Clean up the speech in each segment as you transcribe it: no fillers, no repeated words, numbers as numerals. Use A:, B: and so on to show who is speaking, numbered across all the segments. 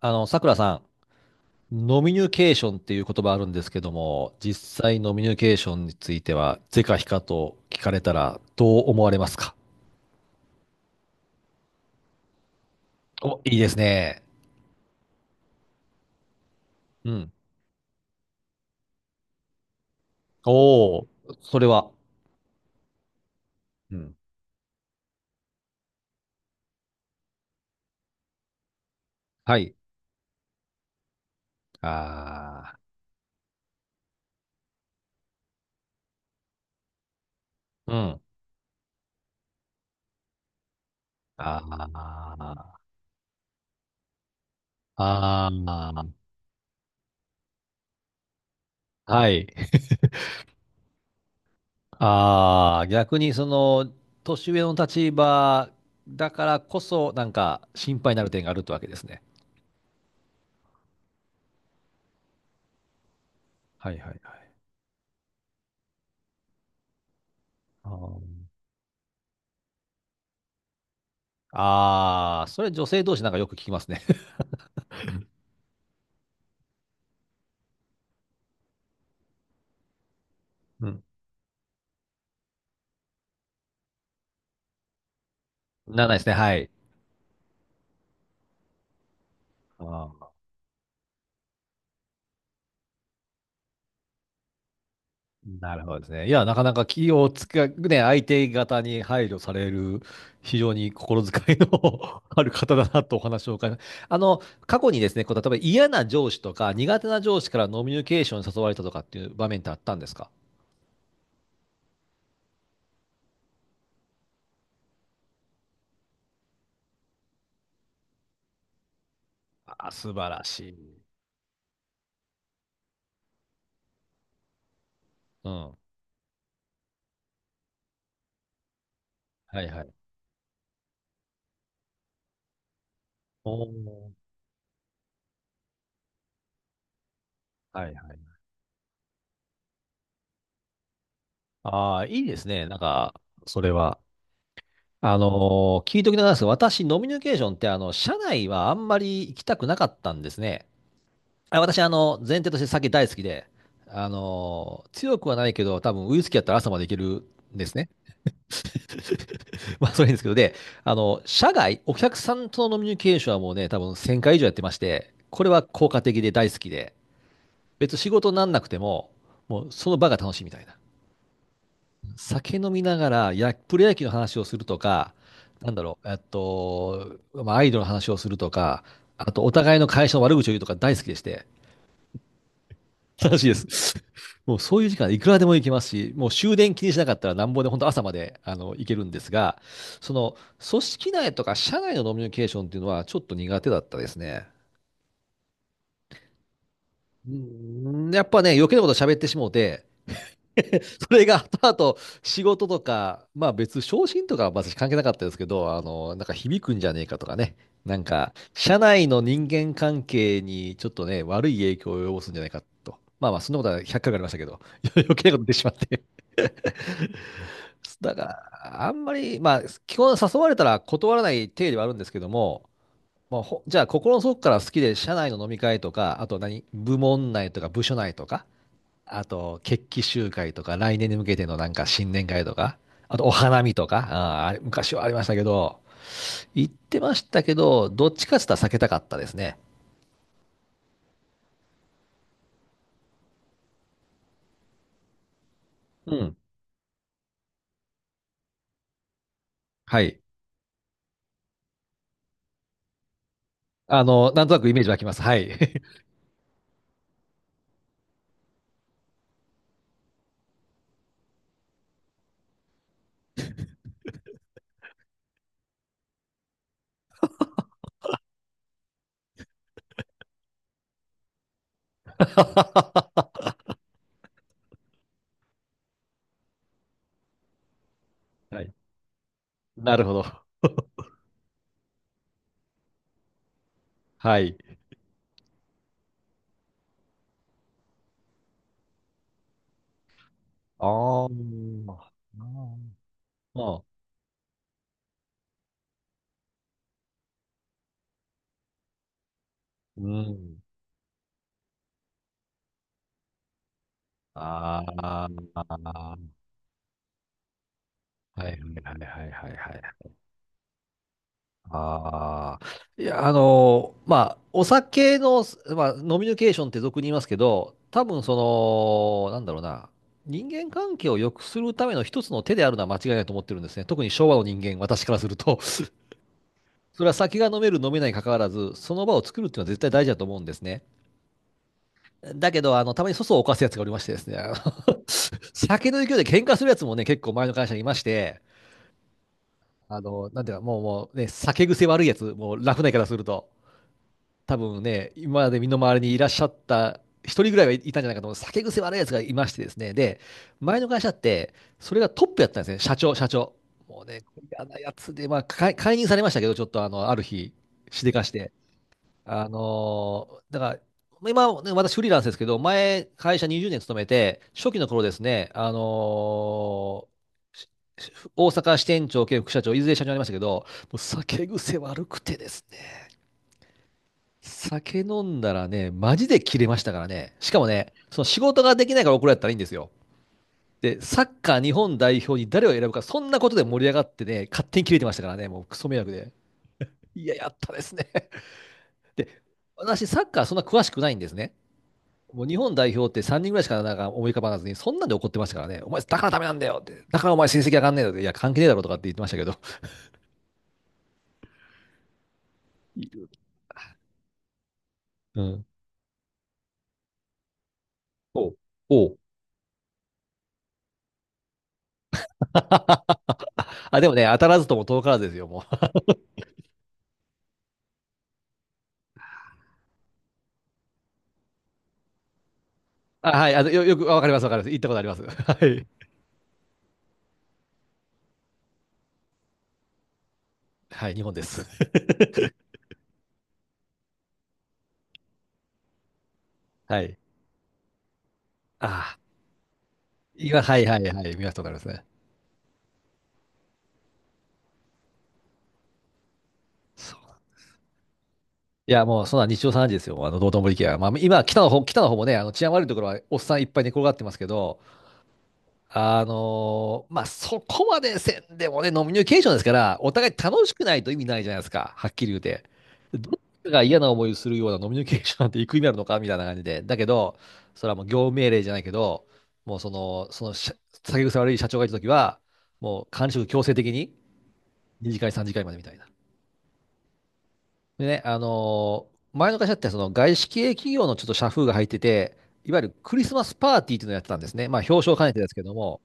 A: さくらさん、ノミニュケーションっていう言葉あるんですけども、実際ノミニュケーションについては、是か非かと聞かれたらどう思われますか？お、いいですね。うん。おお、それは。うん。はい。ああ、うん。ああ、ああ、はい。ああ、逆にその、年上の立場だからこそ、なんか心配になる点があるってわけですね。はいはいはい。あーああ、それ女性同士なんかよく聞きますね。うん。ならないですね。はい。あーなるほどですね。いや、なかなか気をつけ、ね、相手方に配慮される、非常に心遣いの ある方だなとお話を伺います過去にですね、こう、例えば嫌な上司とか苦手な上司からノミュニケーションに誘われたとかっていう場面ってあったんですか？あー、素晴らしい。うん。はいはい。おーはいはい。ああ、いいですね。なんか、それは。聞いときながらですが、私、ノミニケーションって、社内はあんまり行きたくなかったんですね。あ、私、前提として酒大好きで、強くはないけど、多分ウイスキーやったら朝までいけるんですね。まあ、それいいんですけど、で、社外、お客さんとのノミニケーションはもうね、多分1000回以上やってまして、これは効果的で大好きで、別に仕事になんなくても、もうその場が楽しいみたいな。酒飲みながらや、プロ野球の話をするとか、なんだろう、まあ、アイドルの話をするとか、あと、お互いの会社の悪口を言うとか大好きでして、楽しいです。もうそういう時間いくらでも行けますし、もう終電気にしなかったらなんぼで本当朝まで行けるんですが、その組織内とか社内のノミニケーションっていうのはちょっと苦手だったですね。うんやっぱね、余計なこと喋ってしもうて、それが後々仕事とか、まあ別、昇進とかは私関係なかったですけど、なんか響くんじゃねえかとかね、なんか、社内の人間関係にちょっとね、悪い影響を及ぼすんじゃないかと。まあまあ、そんなことは100回ありましたけど、余計なこと言ってしまって。だから、あんまり、まあ、基本誘われたら断らない体ではあるんですけども、まあ、ほじゃあ、心の底から好きで、社内の飲み会とか、あと何、部門内とか部署内とか、あと、決起集会とか、来年に向けてのなんか新年会とか、あとお花見とか、あーあれ昔はありましたけど、行ってましたけど、どっちかって言ったら避けたかったですね。うん。はい。なんとなくイメージ湧きます。はい。はい。なるほど。はい。ああ、ああ、うん。ああ、はいはいはいはいはいはいはい。ああ、いや、まあ、お酒の、まあ、飲みニケーションって俗に言いますけど、多分なんだろうな、人間関係を良くするための一つの手であるのは間違いないと思ってるんですね。特に昭和の人間、私からすると、それは酒が飲める、飲めないに関わらず、その場を作るっていうのは絶対大事だと思うんですね。だけど、たまに粗相を犯すやつがおりましてですね、酒の勢いで喧嘩するやつもね、結構前の会社にいまして、なんていうか、もう、もうね、酒癖悪いやつ、もう、ラフな言い方すると。多分ね、今まで身の回りにいらっしゃった一人ぐらいはいたんじゃないかと思う。酒癖悪いやつがいましてですね。で、前の会社って、それがトップやったんですね。社長、社長。もうね、嫌なやつで、まあ、解任されましたけど、ちょっとある日、しでかして。だから、今、ね、私フリーランスですけど、前、会社20年勤めて、初期の頃ですね、あのーしし大阪支店長兼副社長、いずれ社長になりましたけど、もう酒癖悪くてですね。酒飲んだらね、マジで切れましたからね。しかもね、その仕事ができないから怒られたらいいんですよ。で、サッカー日本代表に誰を選ぶか、そんなことで盛り上がってね、勝手に切れてましたからね、もうクソ迷惑で。いや、やったですね。で、私、サッカーそんな詳しくないんですね。もう日本代表って3人ぐらいしかなんか思い浮かばなずに、そんなんで怒ってましたからね、お前、だからダメなんだよって、だからお前成績上がんねえだろって、いや、関係ねえだろとかって言ってましたけど。うん。おう。おう あ、でもね、当たらずとも遠からずですよ、もう。あ、はい、よく、あわかります、わかります。行ったことあります。はい。はい、日本です。はい。ああ、今、はい、はい、はい、見ました、わかりますね。そう。いや、もう、そんな日常茶飯事ですよ、道頓堀駅は。まあ、今、北の方、北の方もね、治安悪いところは、おっさんいっぱい寝転がってますけど、まあ、そこまでせんでもね、ノミニケーションですから、お互い楽しくないと意味ないじゃないですか、はっきり言うて。どっちが嫌な思いをするようなノミニケーションなんていく意味あるのかみたいな感じで。だけど、それはもう業務命令じゃないけど、もうその、その社、酒癖悪い社長がいたときは、もう管理職強制的に2次会、3次会までみたいな。でね、前の会社ってその外資系企業のちょっと社風が入ってて、いわゆるクリスマスパーティーっていうのをやってたんですね。まあ表彰を兼ねてですけども、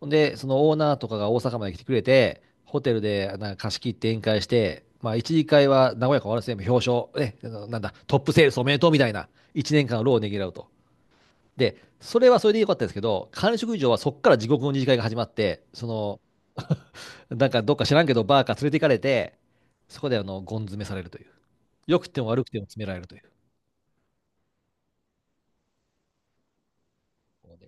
A: ほんで、そのオーナーとかが大阪まで来てくれて、ホテルでなんか貸し切って宴会して、まあ、一次会は和やか終わらせて、表彰、ね、あのなんだ、トップセールスおめでとうみたいな、1年間の労をねぎらうと。で、それはそれでよかったですけど、管理職以上はそこから地獄の二次会が始まって、なんかどっか知らんけど、バーか連れて行かれて、そこでゴン詰めされるという。良くても悪くても詰められるという。伸び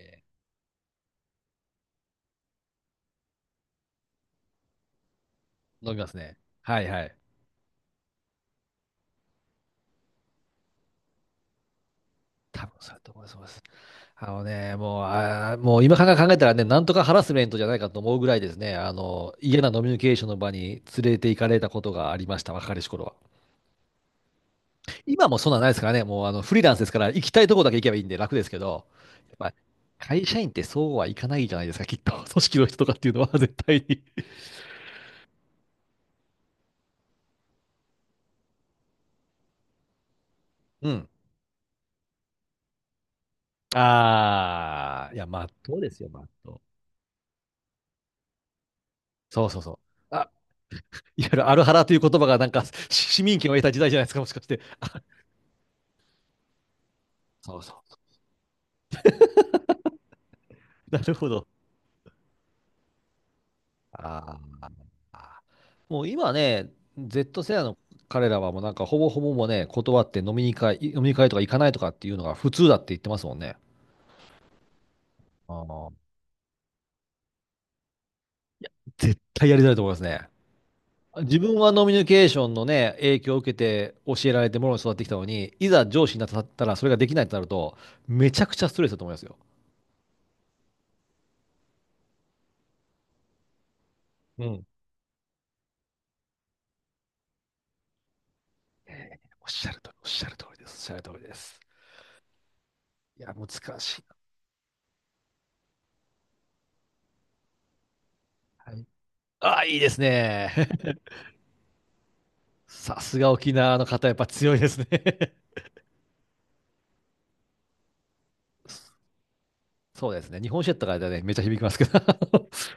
A: 飲みますね。はいはい。多分そうだと思います。あのね、もう、もう今から考えたらね、なんとかハラスメントじゃないかと思うぐらいですね、嫌なノミニケーションの場に連れて行かれたことがありました、若かりし頃は。今もそんなんないですからね、もうフリーランスですから、行きたいとこだけ行けばいいんで楽ですけど、まあ、会社員ってそうはいかないじゃないですか、きっと。組織の人とかっていうのは絶対に。うん。ああ、いや、まっとうですよ、まっとう。そうそうそう。あ、いわゆるアルハラという言葉がなんか、市民権を得た時代じゃないですか、もしかして。そうそう。なるほど。ああ。もう今ね、Z 世代の彼らはもうなんかほぼほぼもうね、断って飲みに会とか行かないとかっていうのが普通だって言ってますもんね。ああ、絶対やりづらいと思いますね。自分はノミニケーションのね、影響を受けて教えられてものに育ってきたのに、いざ上司になったらそれができないとなると、めちゃくちゃストレスだと思いますよ。うん。おっしゃる通りです。おっしゃる通りです。いや、難しい。はい、ああ、いいですね。さすが沖縄の方、やっぱ強いですね。そうですね。日本酒やったからね、めっちゃ響きますけど。